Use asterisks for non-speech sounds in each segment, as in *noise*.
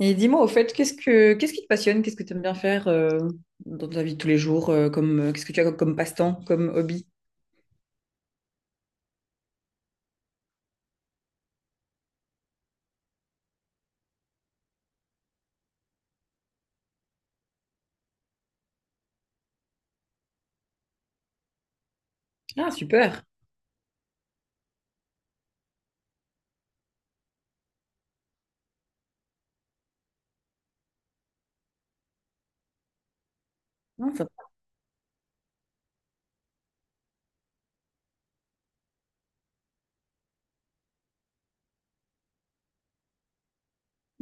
Et dis-moi, au fait, qu'est-ce qui te passionne? Qu'est-ce que tu aimes bien faire dans ta vie de tous les jours, comme qu'est-ce que tu as comme passe-temps, comme hobby? Ah, super. Ah, sympa.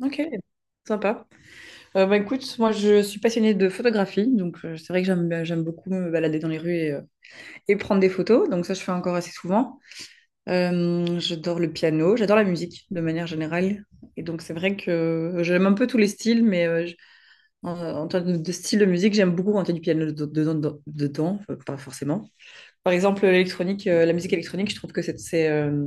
Ok, sympa. Écoute, moi je suis passionnée de photographie, donc c'est vrai que j'aime beaucoup me balader dans les rues et prendre des photos, donc ça je fais encore assez souvent. J'adore le piano, j'adore la musique de manière générale, et donc c'est vrai que j'aime un peu tous les styles, mais en, en termes de style de musique, j'aime beaucoup quand il y a du piano dedans, pas forcément. Par exemple, la musique électronique, je trouve que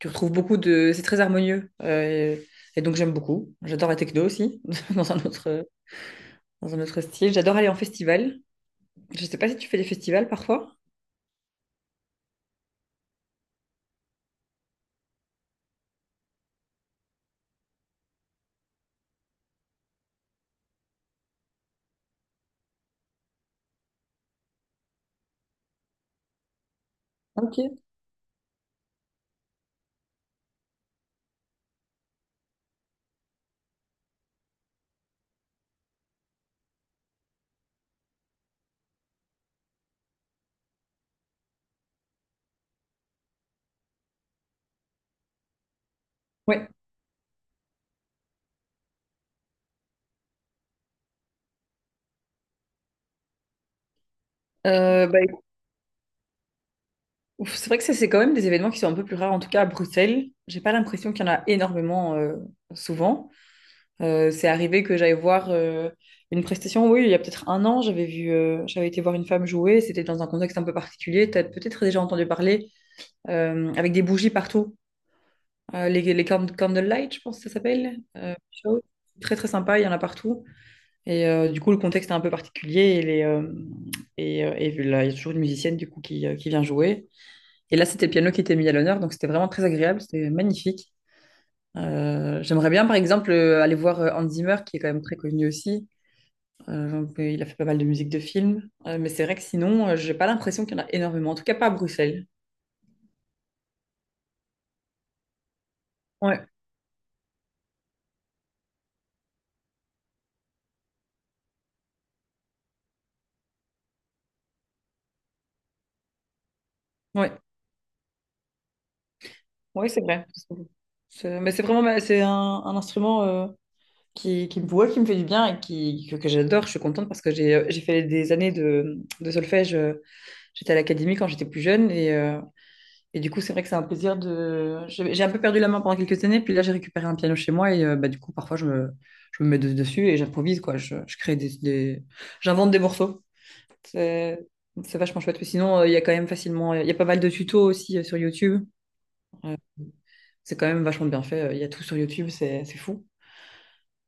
tu retrouves c'est très harmonieux. Et donc j'aime beaucoup. J'adore la techno aussi, *laughs* dans un autre, dans un autre style. J'adore aller en festival. Je sais pas si tu fais des festivals parfois. Ok. Ouais. Écoute, c'est vrai que ça, c'est quand même des événements qui sont un peu plus rares, en tout cas à Bruxelles. J'ai pas l'impression qu'il y en a énormément souvent. C'est arrivé que j'aille voir une prestation, oui, il y a peut-être un an, j'avais été voir une femme jouer, c'était dans un contexte un peu particulier, tu as peut-être déjà entendu parler, avec des bougies partout. Les candlelight, je pense que ça s'appelle, show. Très très sympa, il y en a partout. Et du coup, le contexte est un peu particulier et là, il y a toujours une musicienne du coup qui vient jouer. Et là, c'était le piano qui était mis à l'honneur, donc c'était vraiment très agréable, c'était magnifique. J'aimerais bien, par exemple, aller voir Hans Zimmer, qui est quand même très connu aussi. Il a fait pas mal de musique de film. Mais c'est vrai que sinon, j'ai pas l'impression qu'il y en a énormément. En tout cas, pas à Bruxelles. Ouais, ouais, ouais, c'est vrai. Mais c'est vraiment, c'est un instrument qui me voit, qui me fait du bien et que j'adore. Je suis contente parce que j'ai fait des années de solfège. J'étais à l'académie quand j'étais plus jeune et du coup, c'est vrai que c'est un plaisir de. J'ai un peu perdu la main pendant quelques années, puis là, j'ai récupéré un piano chez moi et du coup, parfois, je me dessus et j'improvise quoi. Je crée j'invente des morceaux. C'est vachement chouette. Sinon, il y a quand même facilement, il y a pas mal de tutos aussi sur YouTube. Euh, c'est quand même vachement bien fait. Il y a tout sur YouTube, c'est fou.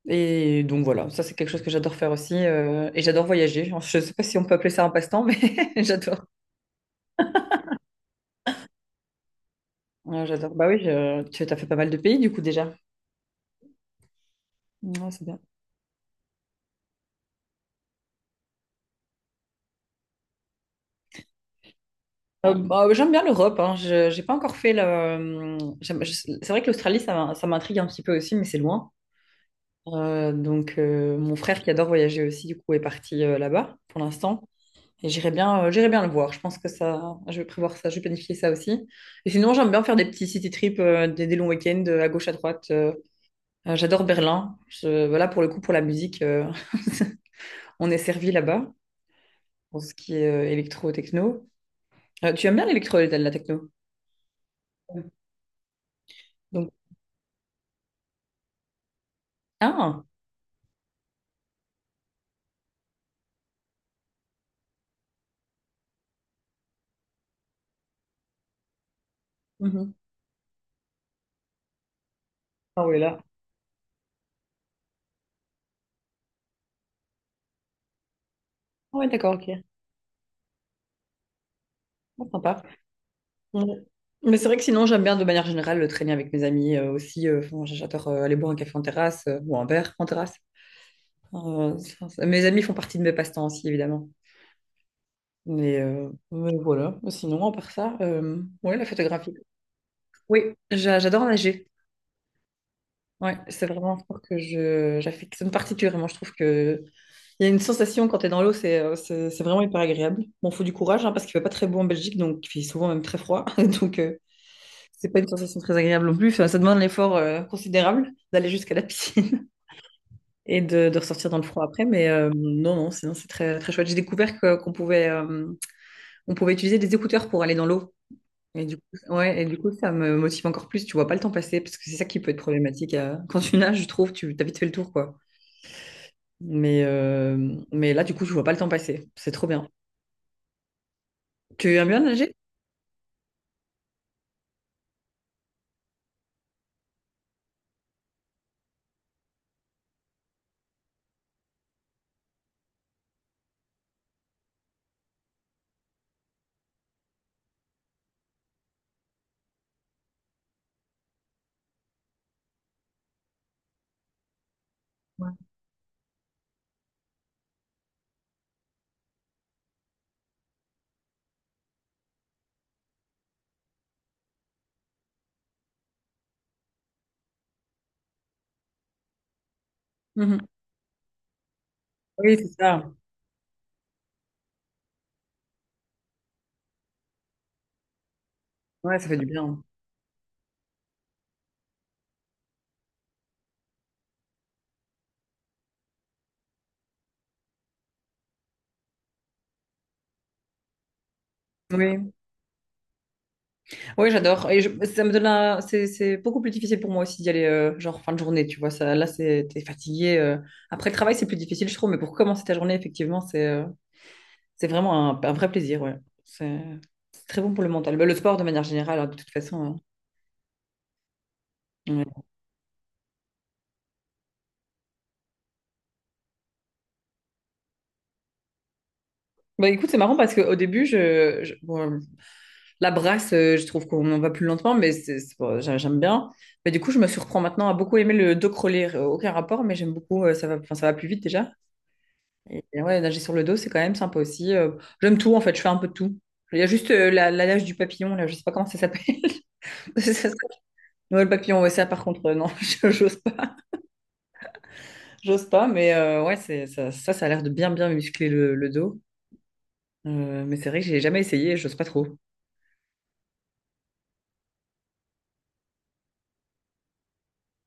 Et donc voilà, ça c'est quelque chose que j'adore faire aussi. Et j'adore voyager. Enfin, je sais pas si on peut appeler ça un passe-temps, mais *laughs* j'adore. Ouais, j'adore. Bah oui, tu as fait pas mal de pays du coup déjà. Ouais, c'est bien. J'aime bien l'Europe. Hein. J'ai pas encore fait le. C'est vrai que l'Australie, ça, ça m'intrigue un petit peu aussi, mais c'est loin. Mon frère qui adore voyager aussi du coup est parti là-bas pour l'instant et j'irai bien, j'irai bien le voir. Je pense que ça je vais prévoir ça, je vais planifier ça aussi. Et sinon j'aime bien faire des petits city trips, des longs week-ends à gauche à droite. J'adore Berlin. Voilà pour le coup pour la musique, *laughs* on est servi là-bas pour ce qui est électro techno. Tu aimes bien l'électro, la techno? Donc ah mhm. Ah oui là. Ah oui, d'accord, ok. Ah, sympa. Ouais. Mais c'est vrai que sinon, j'aime bien de manière générale le traîner avec mes amis aussi. Enfin, j'adore aller boire un café en terrasse ou un verre en terrasse. Enfin, mes amis font partie de mes passe-temps aussi, évidemment. Mais voilà. Sinon, à part ça, ouais, la photographie. Oui, j'adore nager. Ouais, c'est vraiment un sport que j'affectionne particulièrement. Je trouve que il y a une sensation quand tu es dans l'eau, c'est vraiment hyper agréable. Bon, faut du courage hein, parce qu'il fait pas très beau en Belgique, donc il fait souvent même très froid. *laughs* Donc, euh, C'est pas une sensation très agréable non plus. Enfin, ça demande un effort considérable d'aller jusqu'à la piscine *laughs* de ressortir dans le froid après. Mais non, non, sinon c'est très, très chouette. Qu'on pouvait, on pouvait utiliser des écouteurs pour aller dans l'eau. Et du coup, ouais, et du coup, ça me motive encore plus. Tu vois pas le temps passer parce que c'est ça qui peut être problématique. Quand tu nages, je trouve, tu t'as vite fait le tour, quoi. Mais, euh, mais là, du coup, je vois pas le temps passer. C'est trop bien. Tu aimes bien nager? Mhm. Oui, c'est ça. Ouais, ça fait du bien. Oui. Oui, j'adore. Ça me donne un... C'est beaucoup plus difficile pour moi aussi d'y aller, genre fin de journée, tu vois. T'es fatigué. Après le travail, c'est plus difficile, je trouve, mais pour commencer ta journée, effectivement, c'est vraiment un vrai plaisir, ouais. C'est c'est très bon pour le mental. Bah, le sport, de manière générale, hein, de toute façon. Hein. Ouais. Bah, écoute, c'est marrant parce qu'au début, bon, la brasse, je trouve qu'on en va plus lentement, bon, j'aime bien. Mais du coup, je me surprends maintenant à beaucoup aimer le dos crawlé. Aucun rapport, mais j'aime beaucoup. Ça va plus vite déjà. Et ouais, nager sur le dos, c'est quand même sympa aussi. J'aime tout, en fait, je fais un peu de tout. Il y a juste la nage du papillon, là, je sais pas comment ça s'appelle. *laughs* Ça, ça- Ouais, le papillon, ouais, ça, par contre, non, *laughs* j'ose pas. J'ose pas, mais ouais, ça a l'air de bien, bien muscler le dos. Mais c'est vrai que j'ai jamais essayé, j'ose pas trop.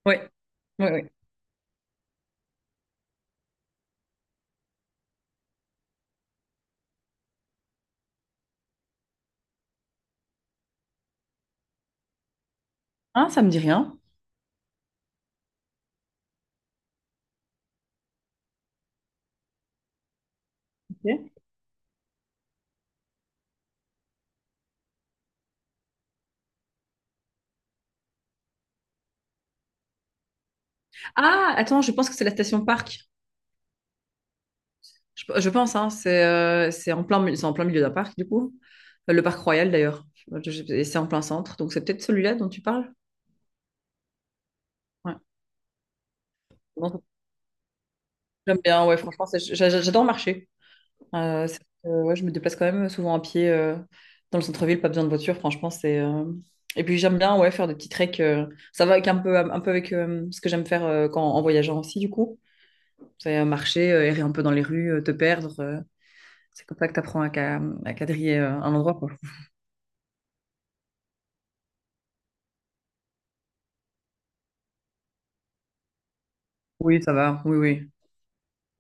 Ouais, ouais, ouais. Ah, ça me dit rien. Ok. Ah, attends, je pense que c'est la station parc. Je pense, hein, c'est en plein, c'est en plein milieu d'un parc, du coup. Le parc Royal, d'ailleurs. Et c'est en plein centre, donc c'est peut-être celui-là dont tu parles. Ouais. J'aime bien, ouais, franchement, j'adore marcher. Euh, c'est- ouais, je me déplace quand même souvent à pied dans le centre-ville, pas besoin de voiture, franchement, c'est... et puis j'aime bien, ouais, faire des petits treks. Ça va avec un peu avec ce que j'aime faire en voyageant aussi, du coup. C'est marcher, errer un peu dans les rues, te perdre. C'est comme ça que tu apprends à, à quadriller un endroit, quoi. Oui, ça va, oui, oui.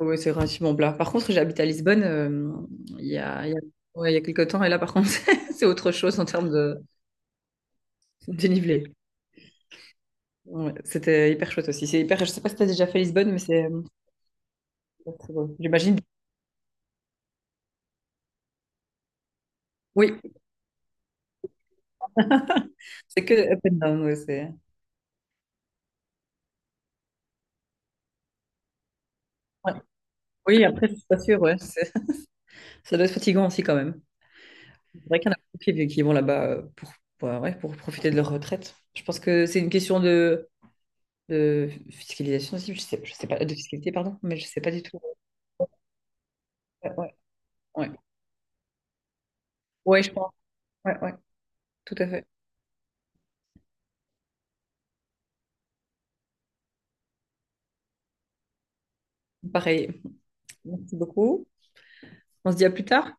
Oui, c'est relativement plat. Par contre, j'habite à Lisbonne il y a, ouais, il y a quelques temps, et là, par contre, *laughs* c'est autre chose en termes de dénivelé. Ouais, c'était hyper chouette aussi. C'est hyper... Je sais pas si tu as déjà fait Lisbonne, mais c'est très beau. J'imagine. Oui, c'est que up and down. Ouais, c'est... ouais. Oui, après, je suis pas sûre. Ouais. c'est- ça doit être fatigant aussi quand même. C'est vrai qu'il y en a beaucoup qui vont là-bas bah ouais, pour profiter de leur retraite. Je pense que c'est une question de fiscalisation aussi. Je sais pas, de fiscalité, pardon, mais je sais pas du tout. Ouais, ouais, ouais. Ouais, je pense. Ouais, ouais, tout à fait. Pareil. Merci beaucoup. On se dit à plus tard.